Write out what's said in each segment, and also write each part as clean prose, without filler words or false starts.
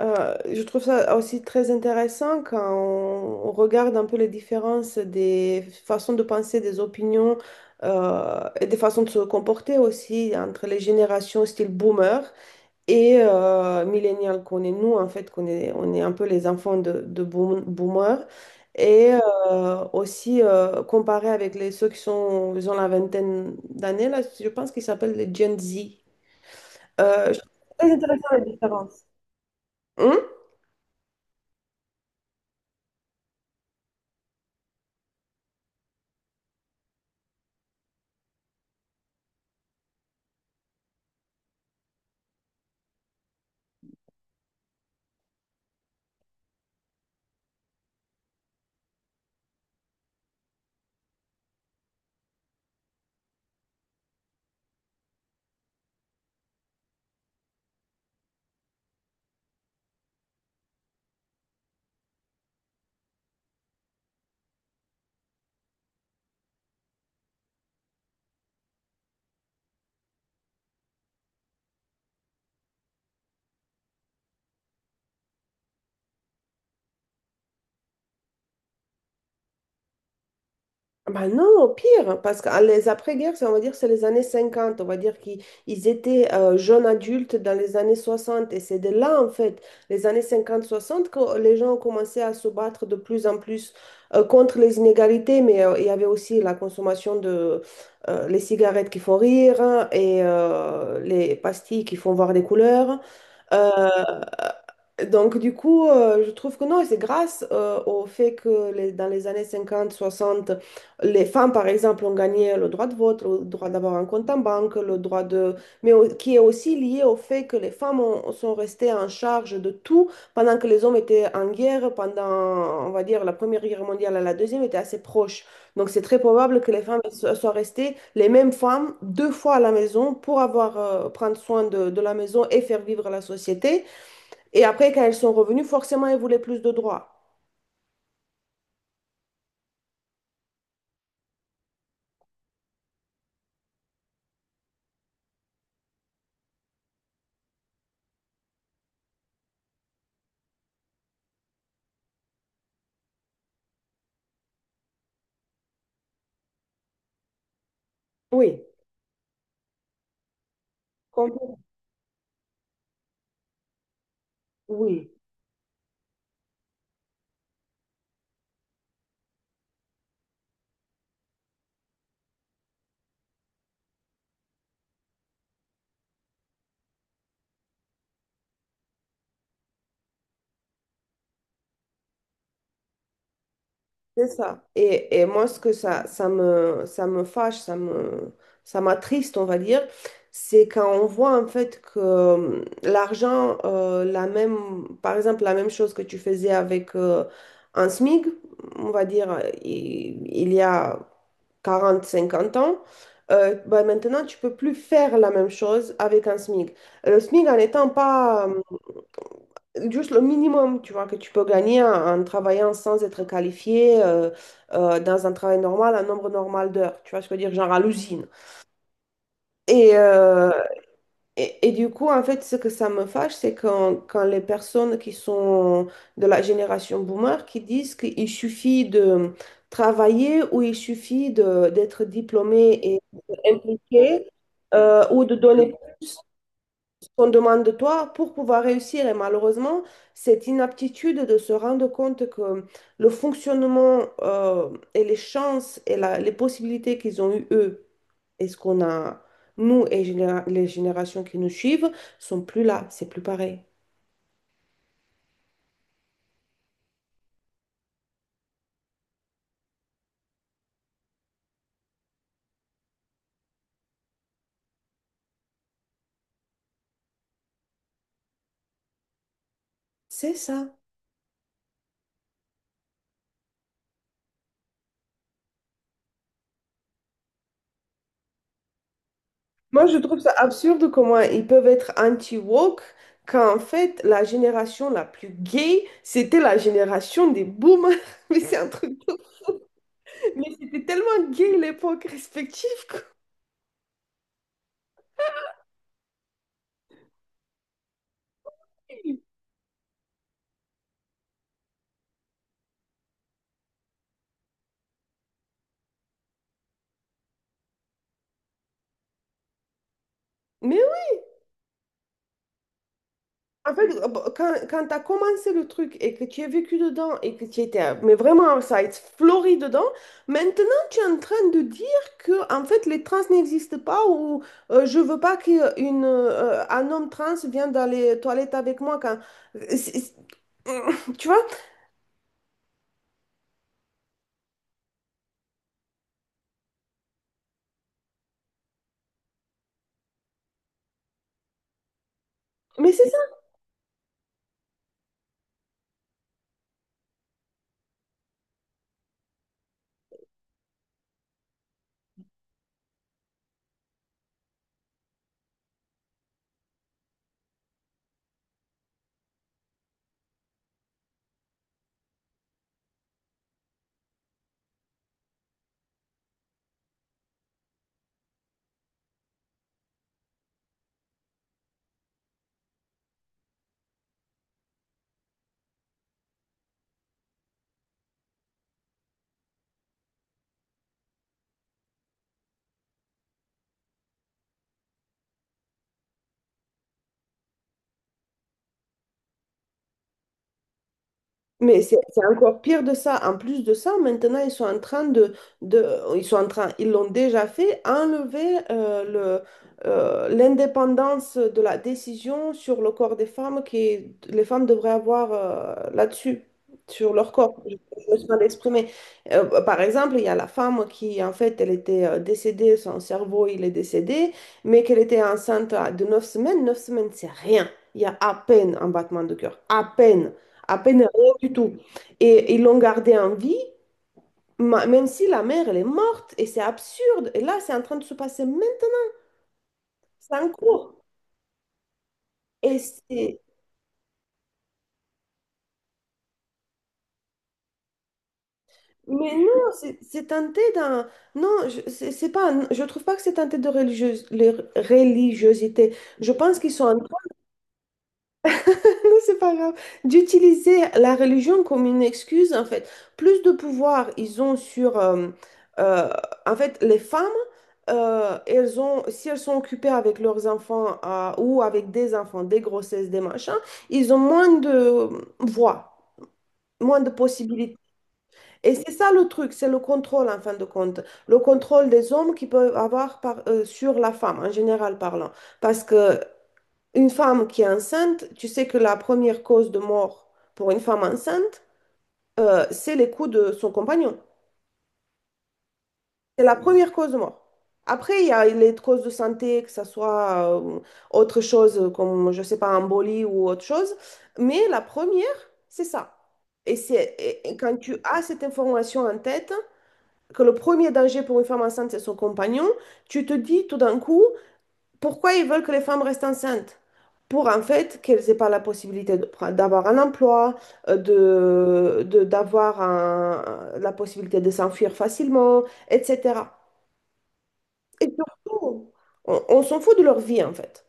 Je trouve ça aussi très intéressant quand on regarde un peu les différences des façons de penser, des opinions et des façons de se comporter aussi entre les générations style boomer et millennial qu'on est nous en fait, on est un peu les enfants de boomer et aussi comparé avec ceux qui sont, ils ont la vingtaine d'années là, je pense qu'ils s'appellent les Gen Z. Je trouve très intéressant les différences. Hum? Bah non, au pire, parce que ah, les après-guerres, on va dire, c'est les années 50. On va dire qu'ils ils étaient jeunes adultes dans les années 60, et c'est de là, en fait, les années 50-60, que les gens ont commencé à se battre de plus en plus contre les inégalités. Mais il y avait aussi la consommation de les cigarettes qui font rire, hein, et les pastilles qui font voir des couleurs. euh, euh, Donc, du coup, je trouve que non, et c'est grâce au fait que dans les années 50, 60, les femmes, par exemple, ont gagné le droit de vote, le droit d'avoir un compte en banque, le droit de... Mais qui est aussi lié au fait que les femmes sont restées en charge de tout pendant que les hommes étaient en guerre, pendant, on va dire, la Première Guerre mondiale à la Deuxième était assez proche. Donc, c'est très probable que les femmes soient restées les mêmes femmes deux fois à la maison pour avoir, prendre soin de la maison et faire vivre la société. Et après, quand elles sont revenues, forcément, elles voulaient plus de droits. Oui, complètement. Oui, c'est ça. Et moi, ce que ça me fâche, ça m'attriste, on va dire, c'est quand on voit en fait que l'argent, la même, par exemple, la même chose que tu faisais avec un SMIC, on va dire, il y a 40 50 ans, bah, maintenant, tu peux plus faire la même chose avec un SMIC. Le SMIC, en n'étant pas juste le minimum, tu vois, que tu peux gagner en travaillant sans être qualifié dans un travail normal, un nombre normal d'heures, tu vois ce que je veux dire, genre à l'usine. Et, euh, et du coup, en fait, ce que ça me fâche, c'est quand les personnes qui sont de la génération boomer qui disent qu'il suffit de travailler, ou il suffit d'être diplômé et impliqué ou de donner plus ce qu'on demande de toi pour pouvoir réussir. Et malheureusement, cette inaptitude de se rendre compte que le fonctionnement et les chances et les possibilités qu'ils ont eues, eux, est-ce qu'on a, nous et les générations qui nous suivent, sont plus là, c'est plus pareil. C'est ça. Moi, je trouve ça absurde comment ils peuvent être anti-woke quand en fait, la génération la plus gay, c'était la génération des boomers. Mais c'est un truc. Mais c'était tellement gay l'époque respective, quoi. Mais en fait, bah, quand tu as commencé le truc et que tu as vécu dedans et que tu étais mais vraiment ça a été fleuri dedans, maintenant tu es en train de dire que en fait les trans n'existent pas, ou je veux pas qu'un un homme trans vienne dans les toilettes avec moi quand euh, c'est- c'est- tu vois? Mais c'est... Mais c'est encore pire de ça. En plus de ça, maintenant, de ils sont en train, ils l'ont déjà fait, enlever l'indépendance de la décision sur le corps des femmes que les femmes devraient avoir là-dessus, sur leur corps. Je me suis mal exprimée. Par exemple, il y a la femme qui, en fait, elle était décédée, son cerveau, il est décédé, mais qu'elle était enceinte de 9 semaines. Neuf semaines, c'est rien. Il y a à peine un battement de cœur, à peine rien du tout. Et ils l'ont gardé en vie, même si la mère, elle est morte, et c'est absurde. Et là, c'est en train de se passer, même, c'est en cours. Et c'est... Mais non, c'est teinté d'un... Non, c'est pas... Je trouve pas que c'est teinté de religieuse, les religiosité. Je pense qu'ils sont en... C'est pas grave. D'utiliser la religion comme une excuse, en fait. Plus de pouvoir ils ont sur... euh, en fait, les femmes, elles ont, si elles sont occupées avec leurs enfants ou avec des enfants, des grossesses, des machins, ils ont moins de voix, moins de possibilités. Et c'est ça le truc, c'est le contrôle, en fin de compte. Le contrôle des hommes qu'ils peuvent avoir sur la femme, en général parlant. Parce que une femme qui est enceinte, tu sais que la première cause de mort pour une femme enceinte, c'est les coups de son compagnon. C'est la première cause de mort. Après, il y a les causes de santé, que ce soit autre chose comme, je sais pas, embolie ou autre chose. Mais la première, c'est ça. Et quand tu as cette information en tête, que le premier danger pour une femme enceinte, c'est son compagnon, tu te dis tout d'un coup, pourquoi ils veulent que les femmes restent enceintes? Pour en fait qu'elles aient pas la possibilité d'avoir un emploi, d'avoir la possibilité de s'enfuir facilement, etc. Et surtout, on s'en fout de leur vie en fait.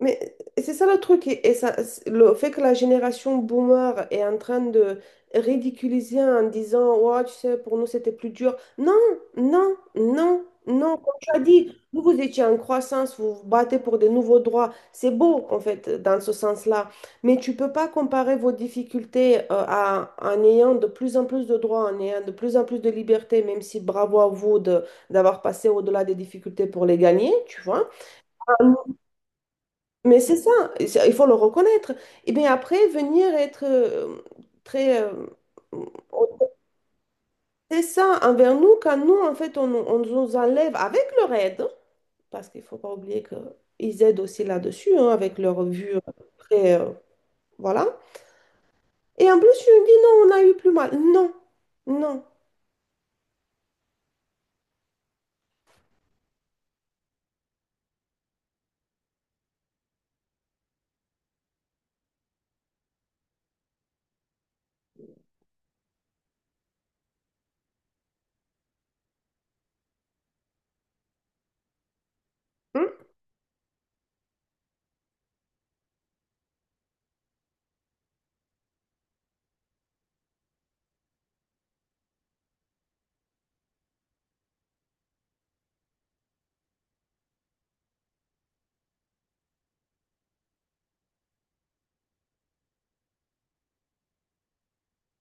Mais c'est ça le truc, et ça, le fait que la génération boomer est en train de ridiculiser en disant, ouais, tu sais, pour nous c'était plus dur. Non, non, non, non. Comme tu as dit, vous, vous étiez en croissance, vous vous battez pour des nouveaux droits. C'est beau, en fait, dans ce sens-là. Mais tu peux pas comparer vos difficultés à, en ayant de plus en plus de droits, en ayant de plus en plus de libertés, même si bravo à vous d'avoir passé au-delà des difficultés pour les gagner, tu vois. Mais c'est ça, et il faut le reconnaître. Et bien après, venir être très... euh, c'est ça envers nous quand nous, en fait, on nous enlève avec leur aide, parce qu'il ne faut pas oublier qu'ils aident aussi là-dessus, hein, avec leur vue très... euh, voilà. Et en plus, tu me dis, non, on a eu plus mal. Non, non. Hum.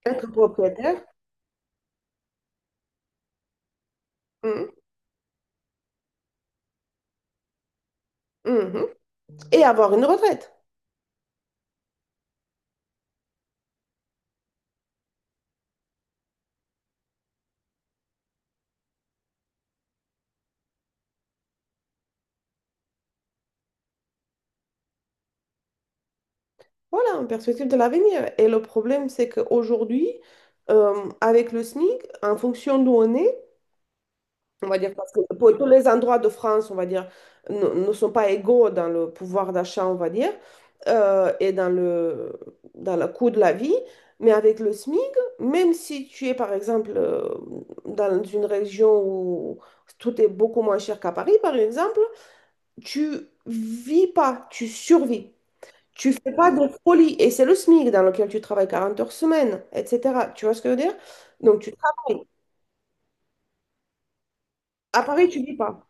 Être propriétaire. Hum, hum. Et avoir une retraite. Voilà, en perspective de l'avenir. Et le problème, c'est qu'aujourd'hui, euh, avec le SMIC, en fonction d'où on est, on va dire, parce que pour tous les endroits de France, on va dire, ne sont pas égaux dans le pouvoir d'achat, on va dire, et dans le coût de la vie. Mais avec le SMIC, même si tu es, par exemple, dans une région où tout est beaucoup moins cher qu'à Paris, par exemple, tu vis pas, tu survis. Tu fais pas de folie et c'est le SMIC dans lequel tu travailles 40 heures semaine, etc. Tu vois ce que je veux dire? Donc tu travailles. À Paris, tu vis pas.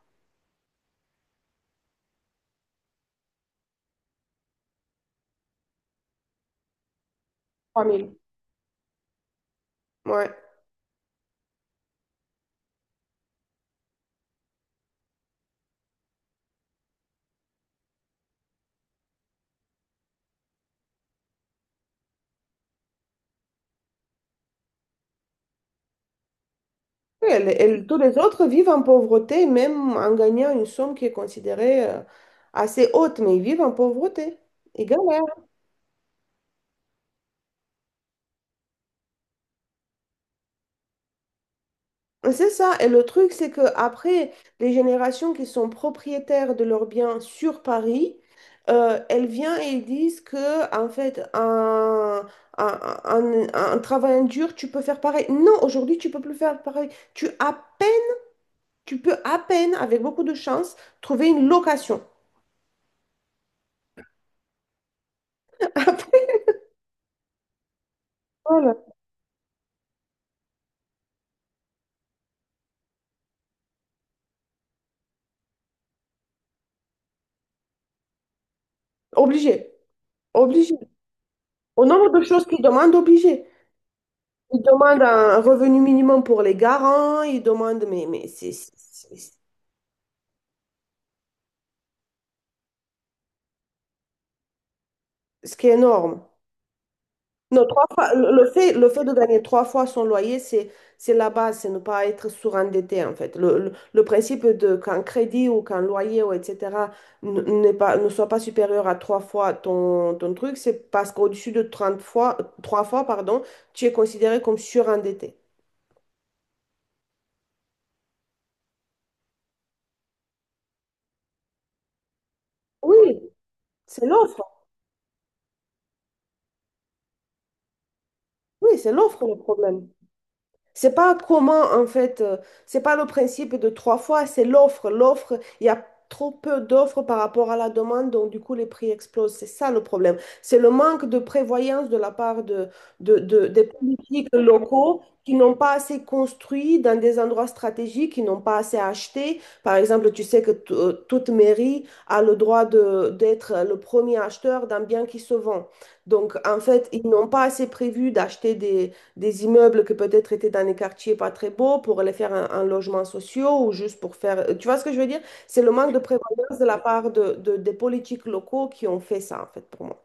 3 000. Ouais. Oui, et, tous les autres vivent en pauvreté, même en gagnant une somme qui est considérée assez haute, mais ils vivent en pauvreté. Ils galèrent. C'est ça. Et le truc, c'est que après, les générations qui sont propriétaires de leurs biens sur Paris, elles viennent et elles disent que, en fait, un travail dur, tu peux faire pareil. Non, aujourd'hui, tu peux plus faire pareil. Tu à peine, Tu peux à peine, avec beaucoup de chance, trouver une location. Après, voilà. Obligé. Obligé. Au nombre de choses qu'ils demandent, obligé. Ils demandent un revenu minimum pour les garants, ils demandent, mais c'est- ce qui est énorme. Non, trois fois, le fait de gagner trois fois son loyer, c'est la base, c'est ne pas être surendetté en fait. Le principe de qu'un crédit ou qu'un loyer ou etc. N'est pas, ne soit pas supérieur à trois fois ton truc, c'est parce qu'au-dessus de 30 fois, trois fois, pardon, tu es considéré comme surendetté. Oui, c'est l'offre. Oui, c'est l'offre le problème. C'est pas comment, en fait, c'est pas le principe de trois fois, c'est l'offre. L'offre, il y a trop peu d'offres par rapport à la demande, donc du coup, les prix explosent. C'est ça le problème. C'est le manque de prévoyance de la part des politiques locaux qui n'ont pas assez construit dans des endroits stratégiques, qui n'ont pas assez acheté. Par exemple, tu sais que toute mairie a le droit d'être le premier acheteur d'un bien qui se vend. Donc, en fait, ils n'ont pas assez prévu d'acheter des immeubles que peut-être étaient dans des quartiers pas très beaux pour les faire un logement social ou juste pour faire... Tu vois ce que je veux dire? C'est le manque de prévoyance de la part des politiques locaux qui ont fait ça, en fait, pour moi.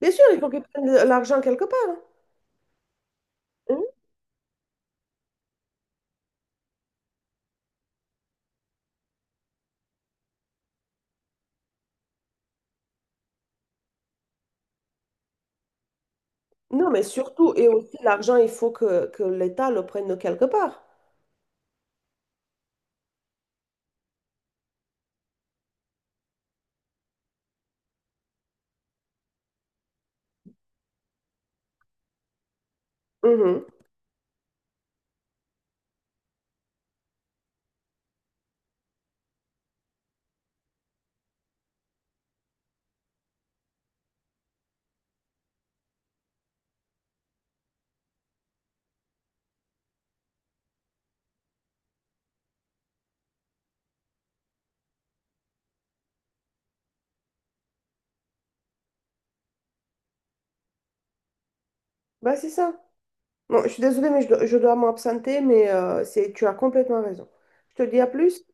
Bien sûr, il faut qu'ils prennent de l'argent quelque part. Hein. Mhm. Non, mais surtout, et aussi l'argent, il faut que l'État le prenne de quelque part. Mhm. Bah, c'est ça. Bon, je suis désolée, mais je dois m'absenter, mais c'est, tu as complètement raison. Je te dis à plus.